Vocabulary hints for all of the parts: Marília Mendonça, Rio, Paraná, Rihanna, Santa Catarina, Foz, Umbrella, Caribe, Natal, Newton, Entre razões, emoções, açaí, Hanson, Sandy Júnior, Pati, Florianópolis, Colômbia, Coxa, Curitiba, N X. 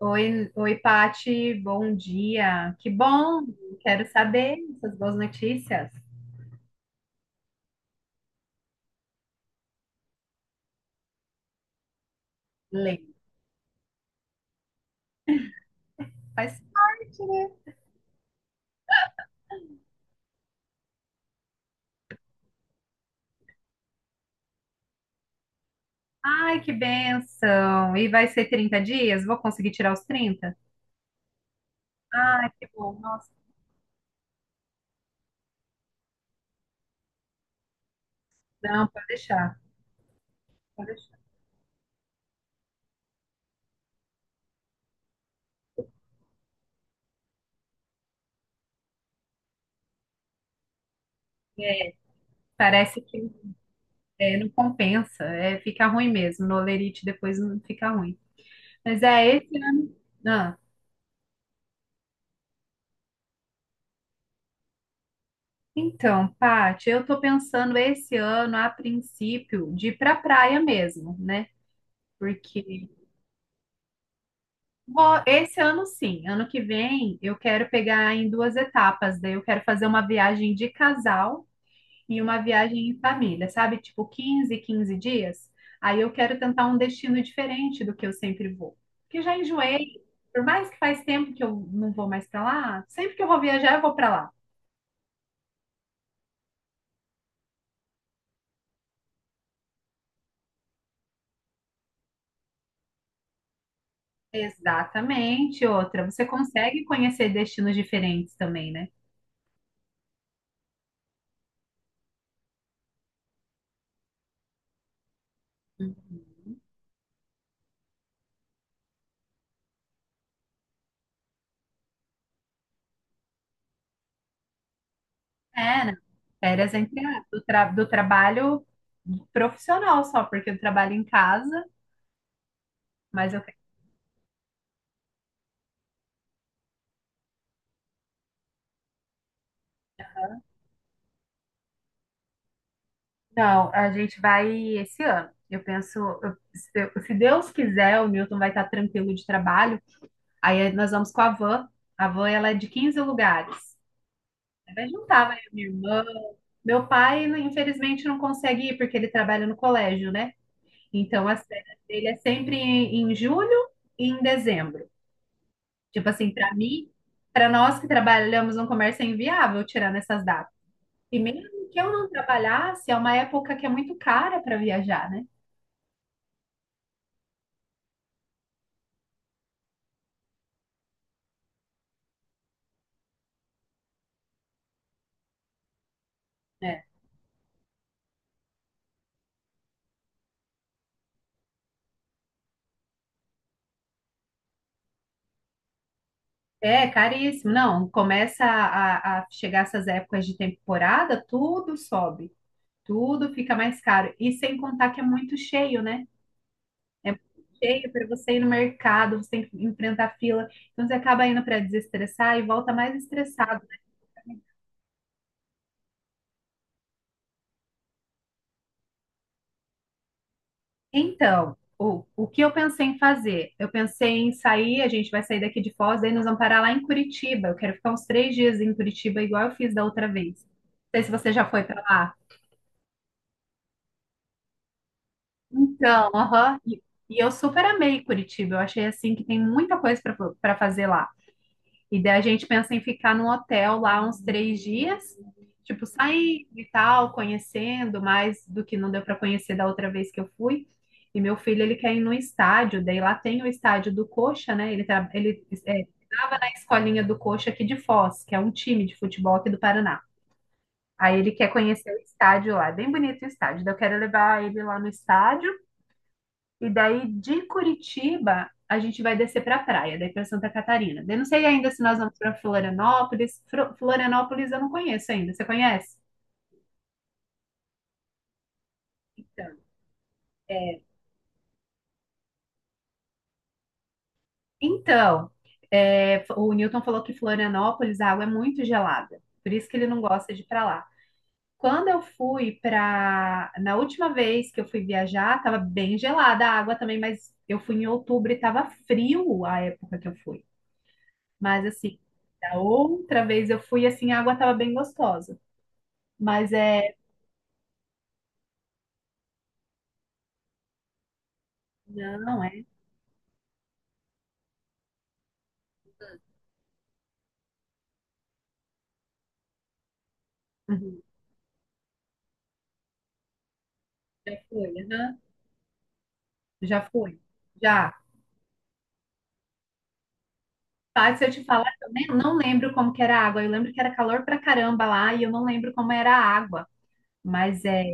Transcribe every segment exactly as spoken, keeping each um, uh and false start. Oi, oi, Pati, bom dia. Que bom, quero saber essas boas notícias. Lê. Faz parte, né? Ai, que benção. E vai ser trinta dias? Vou conseguir tirar os trinta? Ai, que bom. Nossa, não, pode deixar, pode deixar. Parece que é, não compensa, é, fica ruim mesmo. No olerite depois não fica ruim. Mas é esse ano. Ah, então, Pati, eu tô pensando esse ano, a princípio, de ir pra praia mesmo, né? Porque Vou- esse ano sim, ano que vem eu quero pegar em duas etapas. Daí eu quero fazer uma viagem de casal e uma viagem em família, sabe? Tipo quinze, quinze dias. Aí eu quero tentar um destino diferente do que eu sempre vou. Porque já enjoei. Por mais que faz tempo que eu não vou mais pra lá, sempre que eu vou viajar eu vou pra lá. Exatamente, outra. Você consegue conhecer destinos diferentes também, né? Uhum. É, né? Férias entre a- do, tra- do trabalho profissional só, porque eu trabalho em casa, mas eu quero. Não, a gente vai esse ano. Eu penso, eu- se se Deus quiser, o Newton vai estar tranquilo de trabalho. Aí eh, nós vamos com a van. A van, ela é de quinze lugares. Aí vai juntar, vai minha irmã. Meu pai, infelizmente, não consegue ir porque ele trabalha no colégio, né? Então, as férias dele é sempre em em julho e em dezembro. Tipo assim, para mim, para nós que trabalhamos no comércio é inviável tirar nessas datas. E mesmo que eu não trabalhasse, é uma época que é muito cara para viajar, né? É, é caríssimo. Não, começa a, a chegar essas épocas de temporada, tudo sobe, tudo fica mais caro. E sem contar que é muito cheio, né? É muito cheio para você ir no mercado, você tem que enfrentar fila. Então você acaba indo para desestressar e volta mais estressado, né? Então, o, o que eu pensei em fazer? Eu pensei em sair, a gente vai sair daqui de Foz, daí nós vamos parar lá em Curitiba. Eu quero ficar uns três dias em Curitiba, igual eu fiz da outra vez. Não sei se você já foi para lá. Então, aham. E, e eu super amei Curitiba. Eu achei assim que tem muita coisa para para fazer lá. E daí a gente pensa em ficar num hotel lá uns três dias, tipo, saindo e tal, conhecendo mais do que não deu para conhecer da outra vez que eu fui. E meu filho, ele quer ir no estádio, daí lá tem o estádio do Coxa, né? Ele, tra- ele é, estava na escolinha do Coxa aqui de Foz, que é um time de futebol aqui do Paraná. Aí ele quer conhecer o estádio lá, bem bonito o estádio. Daí eu quero levar ele lá no estádio e daí de Curitiba a gente vai descer para a praia, daí para Santa Catarina. Eu não sei ainda se nós vamos para Florianópolis. Fro- Florianópolis eu não conheço ainda. Você conhece? Então, então, é, o Newton falou que Florianópolis a água é muito gelada, por isso que ele não gosta de ir para lá. Quando eu fui para, na última vez que eu fui viajar, estava bem gelada a água também, mas eu fui em outubro e estava frio a época que eu fui. Mas assim, da outra vez eu fui assim, a água estava bem gostosa. Mas é, não, é. Uhum. Já foi, aham. Já foi. Já. Mas se eu te falar, eu nem, não lembro como que era a água. Eu lembro que era calor pra caramba lá e eu não lembro como era a água. Mas é,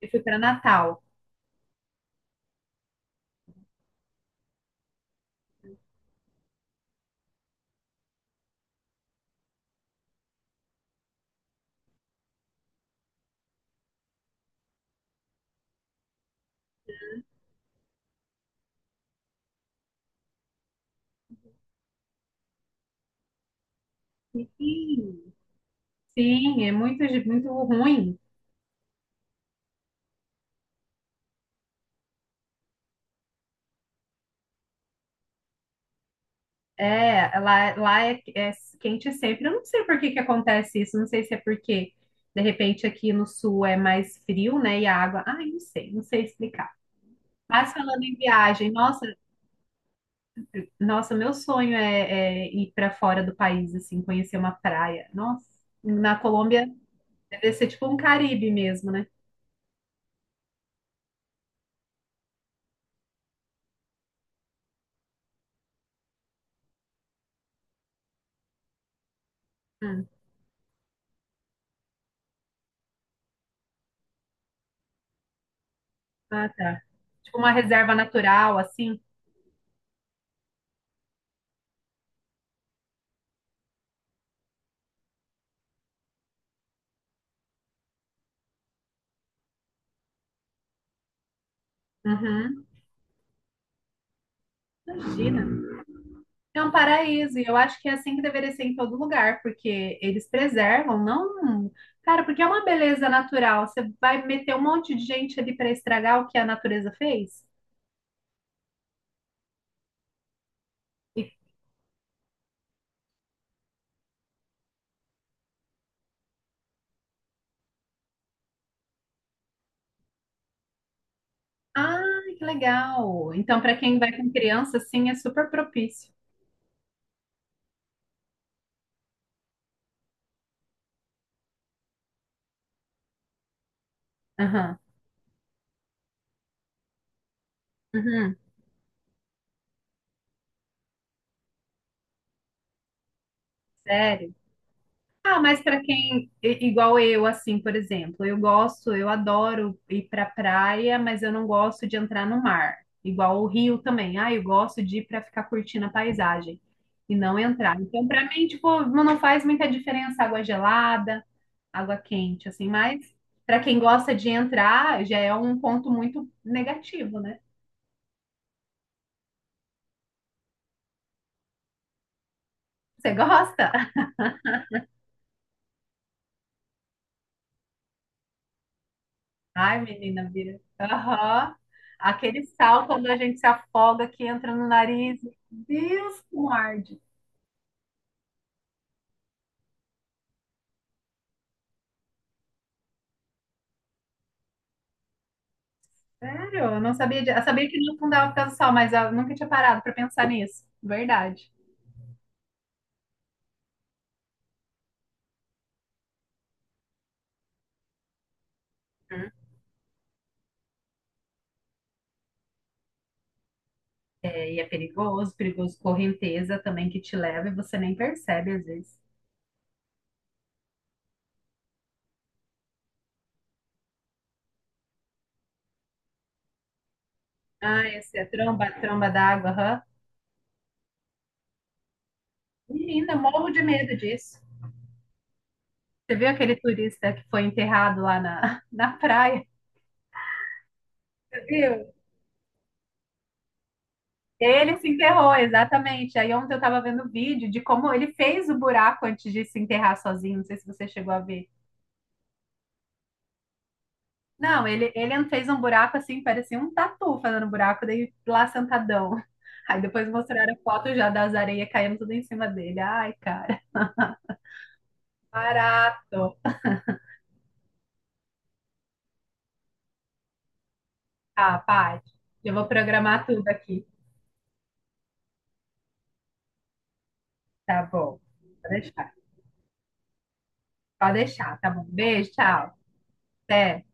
eu fui para Natal. Sim, sim, é muito, muito ruim. É, lá, lá é, é quente sempre. Eu não sei por que que acontece isso. Não sei se é porque, de repente, aqui no sul é mais frio, né? E a água. Ai, não sei, não sei explicar. Mas falando em viagem, nossa, nossa, meu sonho é, é ir para fora do país, assim, conhecer uma praia. Nossa, na Colômbia deve ser tipo um Caribe mesmo, né? Hum, ah, tá. Tipo uma reserva natural, assim. Uhum. Imagina. É um paraíso, e eu acho que é assim que deveria ser em todo lugar, porque eles preservam, não. Cara, porque é uma beleza natural. Você vai meter um monte de gente ali para estragar o que a natureza fez? E... Ah, que legal! Então, para quem vai com criança, sim, é super propício. Aham. Uhum. Sério. Ah, mas para quem i- igual eu, assim, por exemplo, eu gosto, eu adoro ir para praia, mas eu não gosto de entrar no mar. Igual o Rio também. Ah, eu gosto de ir para ficar curtindo a paisagem e não entrar. Então, para mim, tipo, não não faz muita diferença água gelada, água quente, assim, mas para quem gosta de entrar, já é um ponto muito negativo, né? Você gosta? Ai, menina, vira. Aham. Aquele sal quando a gente se afoga que entra no nariz. Deus, como arde. Sério, eu não sabia. de- Eu sabia que não afundava por causa do sal, mas eu nunca tinha parado para pensar nisso. Verdade. Uhum. É, e é perigoso, perigoso correnteza também que te leva e você nem percebe às vezes. Ah, esse é tromba, tromba d'água, aham. Menina, eu morro de medo disso. Você viu aquele turista que foi enterrado lá na, na praia? Você viu? Ele se enterrou, exatamente. Aí ontem eu tava vendo vídeo de como ele fez o buraco antes de se enterrar sozinho. Não sei se você chegou a ver. Não, ele, ele fez um buraco assim, parecia um tatu fazendo buraco, daí lá sentadão. Aí depois mostraram a foto já das areias caindo tudo em cima dele. Ai, cara, barato. Ah, Paty, eu vou programar tudo aqui. Tá bom, pode deixar. Pode deixar, tá bom. Beijo, tchau. Até.